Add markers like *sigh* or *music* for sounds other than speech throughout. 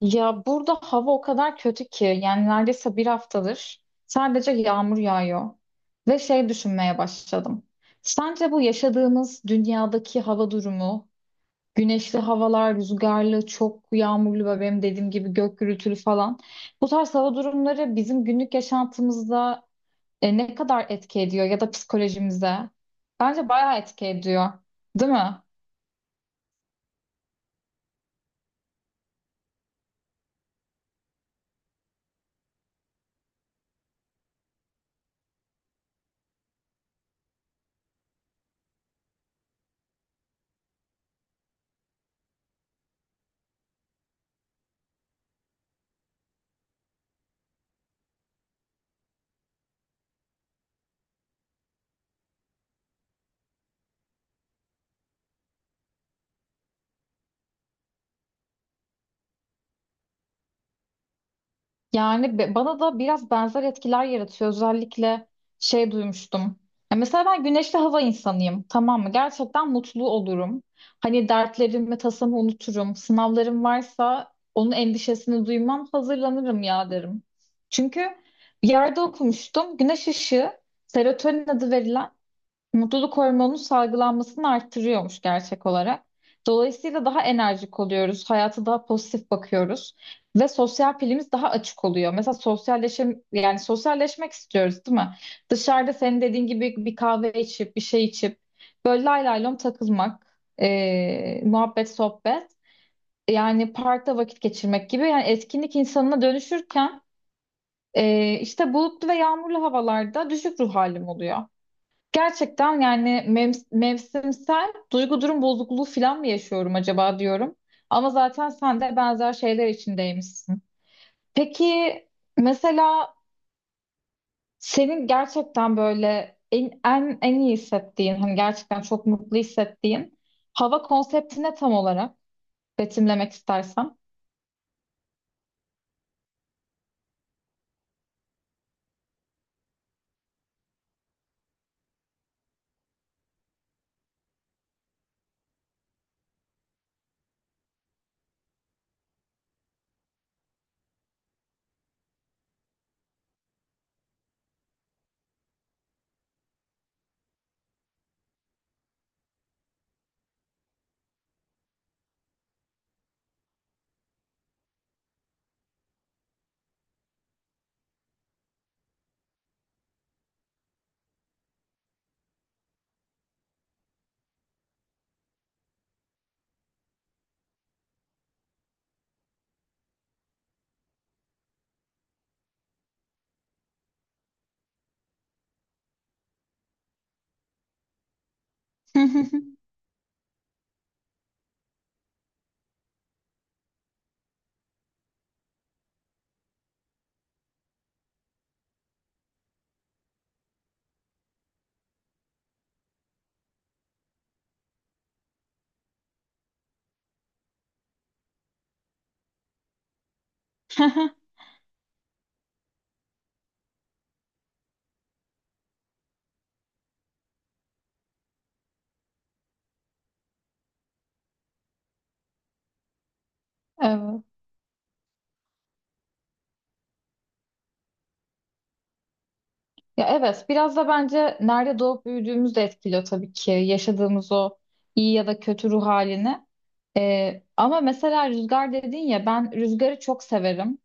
Ya burada hava o kadar kötü ki yani neredeyse bir haftadır sadece yağmur yağıyor. Ve şey düşünmeye başladım. Sence bu yaşadığımız dünyadaki hava durumu, güneşli havalar, rüzgarlı, çok yağmurlu ve benim dediğim gibi gök gürültülü falan bu tarz hava durumları bizim günlük yaşantımızda ne kadar etki ediyor ya da psikolojimize? Bence bayağı etki ediyor, değil mi? Yani bana da biraz benzer etkiler yaratıyor. Özellikle şey duymuştum. Ya mesela ben güneşli hava insanıyım, tamam mı? Gerçekten mutlu olurum. Hani dertlerimi, tasamı unuturum. Sınavlarım varsa onun endişesini duymam, hazırlanırım ya derim. Çünkü bir yerde okumuştum. Güneş ışığı, serotonin adı verilen mutluluk hormonunun salgılanmasını arttırıyormuş gerçek olarak. Dolayısıyla daha enerjik oluyoruz, hayata daha pozitif bakıyoruz ve sosyal pilimiz daha açık oluyor. Mesela sosyalleşim, yani sosyalleşmek istiyoruz, değil mi? Dışarıda senin dediğin gibi bir kahve içip, bir şey içip, böyle lay lay lom takılmak, muhabbet, sohbet, yani parkta vakit geçirmek gibi yani etkinlik insanına dönüşürken işte bulutlu ve yağmurlu havalarda düşük ruh halim oluyor. Gerçekten yani mevsimsel duygu durum bozukluğu falan mı yaşıyorum acaba diyorum. Ama zaten sen de benzer şeyler içindeymişsin. Peki mesela senin gerçekten böyle en iyi hissettiğin, hani gerçekten çok mutlu hissettiğin hava konseptine tam olarak? Betimlemek istersen. *laughs* Evet. Ya evet, biraz da bence nerede doğup büyüdüğümüz de etkiliyor tabii ki yaşadığımız o iyi ya da kötü ruh halini. Ama mesela rüzgar dedin ya ben rüzgarı çok severim.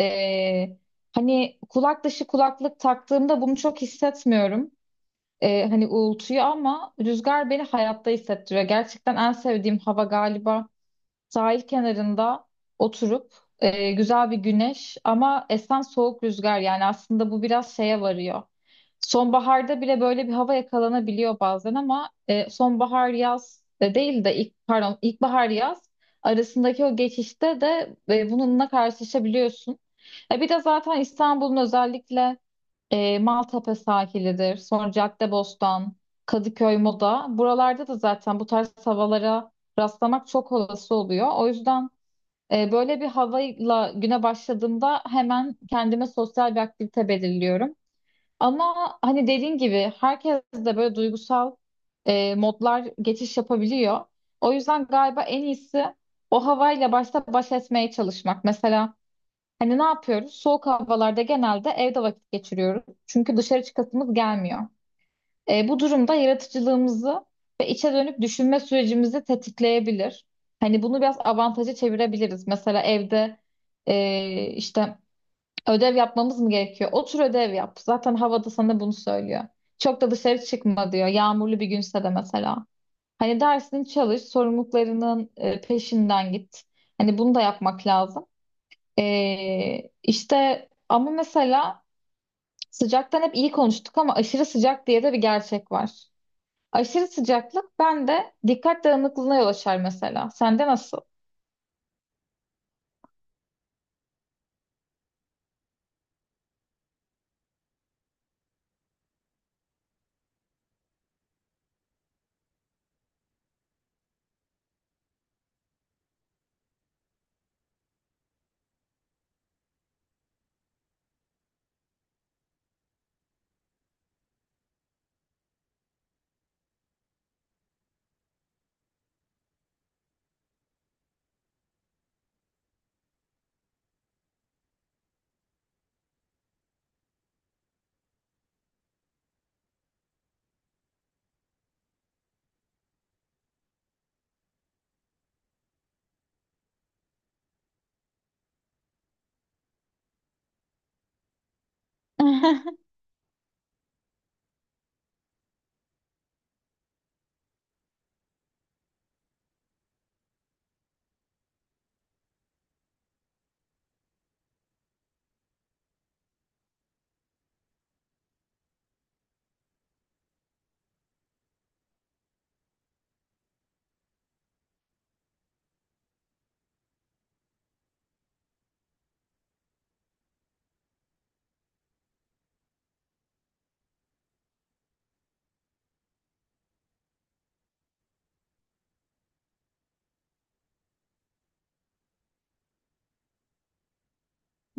Ee, hani kulak dışı kulaklık taktığımda bunu çok hissetmiyorum. Hani uğultuyu ama rüzgar beni hayatta hissettiriyor. Gerçekten en sevdiğim hava galiba sahil kenarında oturup güzel bir güneş ama esen soğuk rüzgar, yani aslında bu biraz şeye varıyor. Sonbaharda bile böyle bir hava yakalanabiliyor bazen ama sonbahar yaz de değil de ilk pardon ilkbahar yaz arasındaki o geçişte de bununla karşılaşabiliyorsun. Bir de zaten İstanbul'un özellikle Maltepe sahilidir. Sonra Caddebostan, Kadıköy, Moda. Buralarda da zaten bu tarz havalara rastlamak çok olası oluyor. O yüzden böyle bir havayla güne başladığımda hemen kendime sosyal bir aktivite belirliyorum. Ama hani dediğin gibi herkes de böyle duygusal modlar geçiş yapabiliyor. O yüzden galiba en iyisi o havayla başta baş etmeye çalışmak. Mesela hani ne yapıyoruz? Soğuk havalarda genelde evde vakit geçiriyoruz. Çünkü dışarı çıkasımız gelmiyor. Bu durumda yaratıcılığımızı ve içe dönük düşünme sürecimizi tetikleyebilir. Hani bunu biraz avantaja çevirebiliriz. Mesela evde işte ödev yapmamız mı gerekiyor? Otur ödev yap. Zaten havada sana bunu söylüyor. Çok da dışarı çıkma diyor. Yağmurlu bir günse de mesela. Hani dersini çalış, sorumluluklarının peşinden git. Hani bunu da yapmak lazım. İşte ama mesela sıcaktan hep iyi konuştuk ama aşırı sıcak diye de bir gerçek var. Aşırı sıcaklık bende dikkat dağınıklığına yol açar mesela. Sende nasıl? *laughs*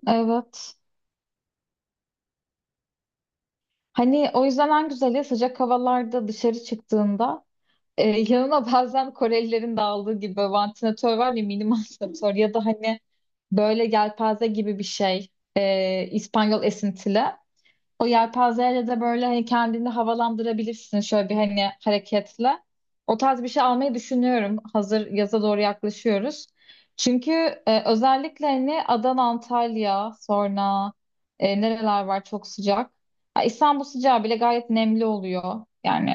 Evet. Hani o yüzden en güzeli sıcak havalarda dışarı çıktığında yanına bazen Korelilerin de aldığı gibi vantilatör var ya mini *laughs* vantilatör ya da hani böyle yelpaze gibi bir şey İspanyol esintili. O yelpazeyle de böyle hani kendini havalandırabilirsin şöyle bir hani hareketle. O tarz bir şey almayı düşünüyorum. Hazır yaza doğru yaklaşıyoruz. Çünkü özellikle hani Adana, Antalya, sonra nereler var çok sıcak. Ha, İstanbul sıcağı bile gayet nemli oluyor. Yani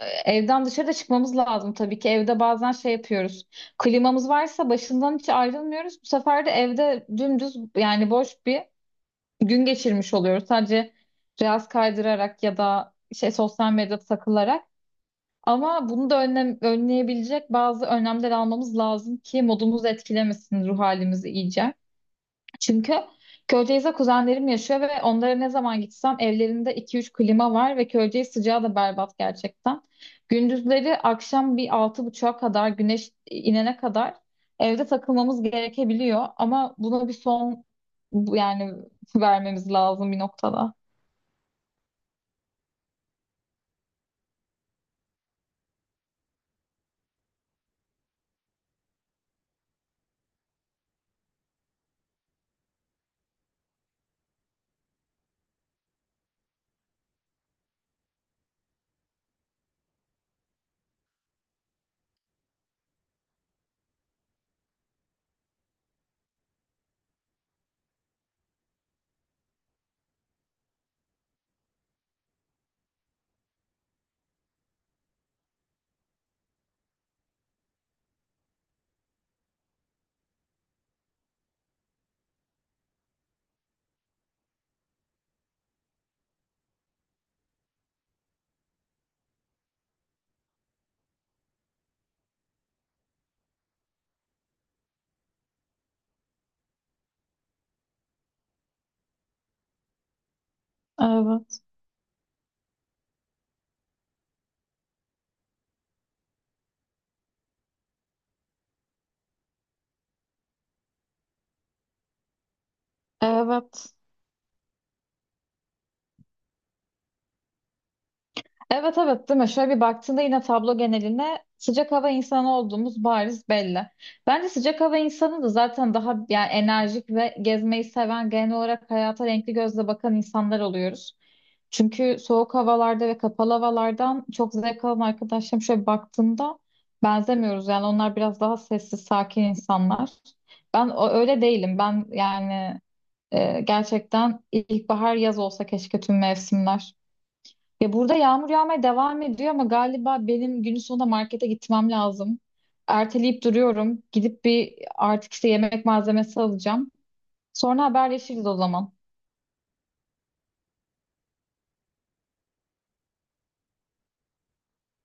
e, evden dışarıda çıkmamız lazım tabii ki. Evde bazen şey yapıyoruz. Klimamız varsa başından hiç ayrılmıyoruz. Bu sefer de evde dümdüz yani boş bir gün geçirmiş oluyoruz. Sadece reels kaydırarak ya da şey sosyal medyada takılarak. Ama bunu da önleyebilecek bazı önlemler almamız lazım ki modumuzu etkilemesin, ruh halimizi iyice. Çünkü Köyceğiz'de kuzenlerim yaşıyor ve onlara ne zaman gitsem evlerinde iki üç klima var ve Köyceğiz sıcağı da berbat gerçekten. Gündüzleri akşam bir 6.30'a kadar güneş inene kadar evde takılmamız gerekebiliyor ama buna bir son yani *laughs* vermemiz lazım bir noktada. Evet. Evet. Evet, evet, değil mi? Şöyle bir baktığında yine tablo geneline sıcak hava insanı olduğumuz bariz belli. Bence sıcak hava insanı da zaten daha yani enerjik ve gezmeyi seven, genel olarak hayata renkli gözle bakan insanlar oluyoruz. Çünkü soğuk havalarda ve kapalı havalardan çok zevk alan arkadaşlarım şöyle baktığımda benzemiyoruz. Yani onlar biraz daha sessiz, sakin insanlar. Ben öyle değilim. Ben yani gerçekten ilkbahar yaz olsa keşke tüm mevsimler. Ya burada yağmur yağmaya devam ediyor ama galiba benim günün sonunda markete gitmem lazım. Erteleyip duruyorum. Gidip bir artık işte yemek malzemesi alacağım. Sonra haberleşiriz o zaman.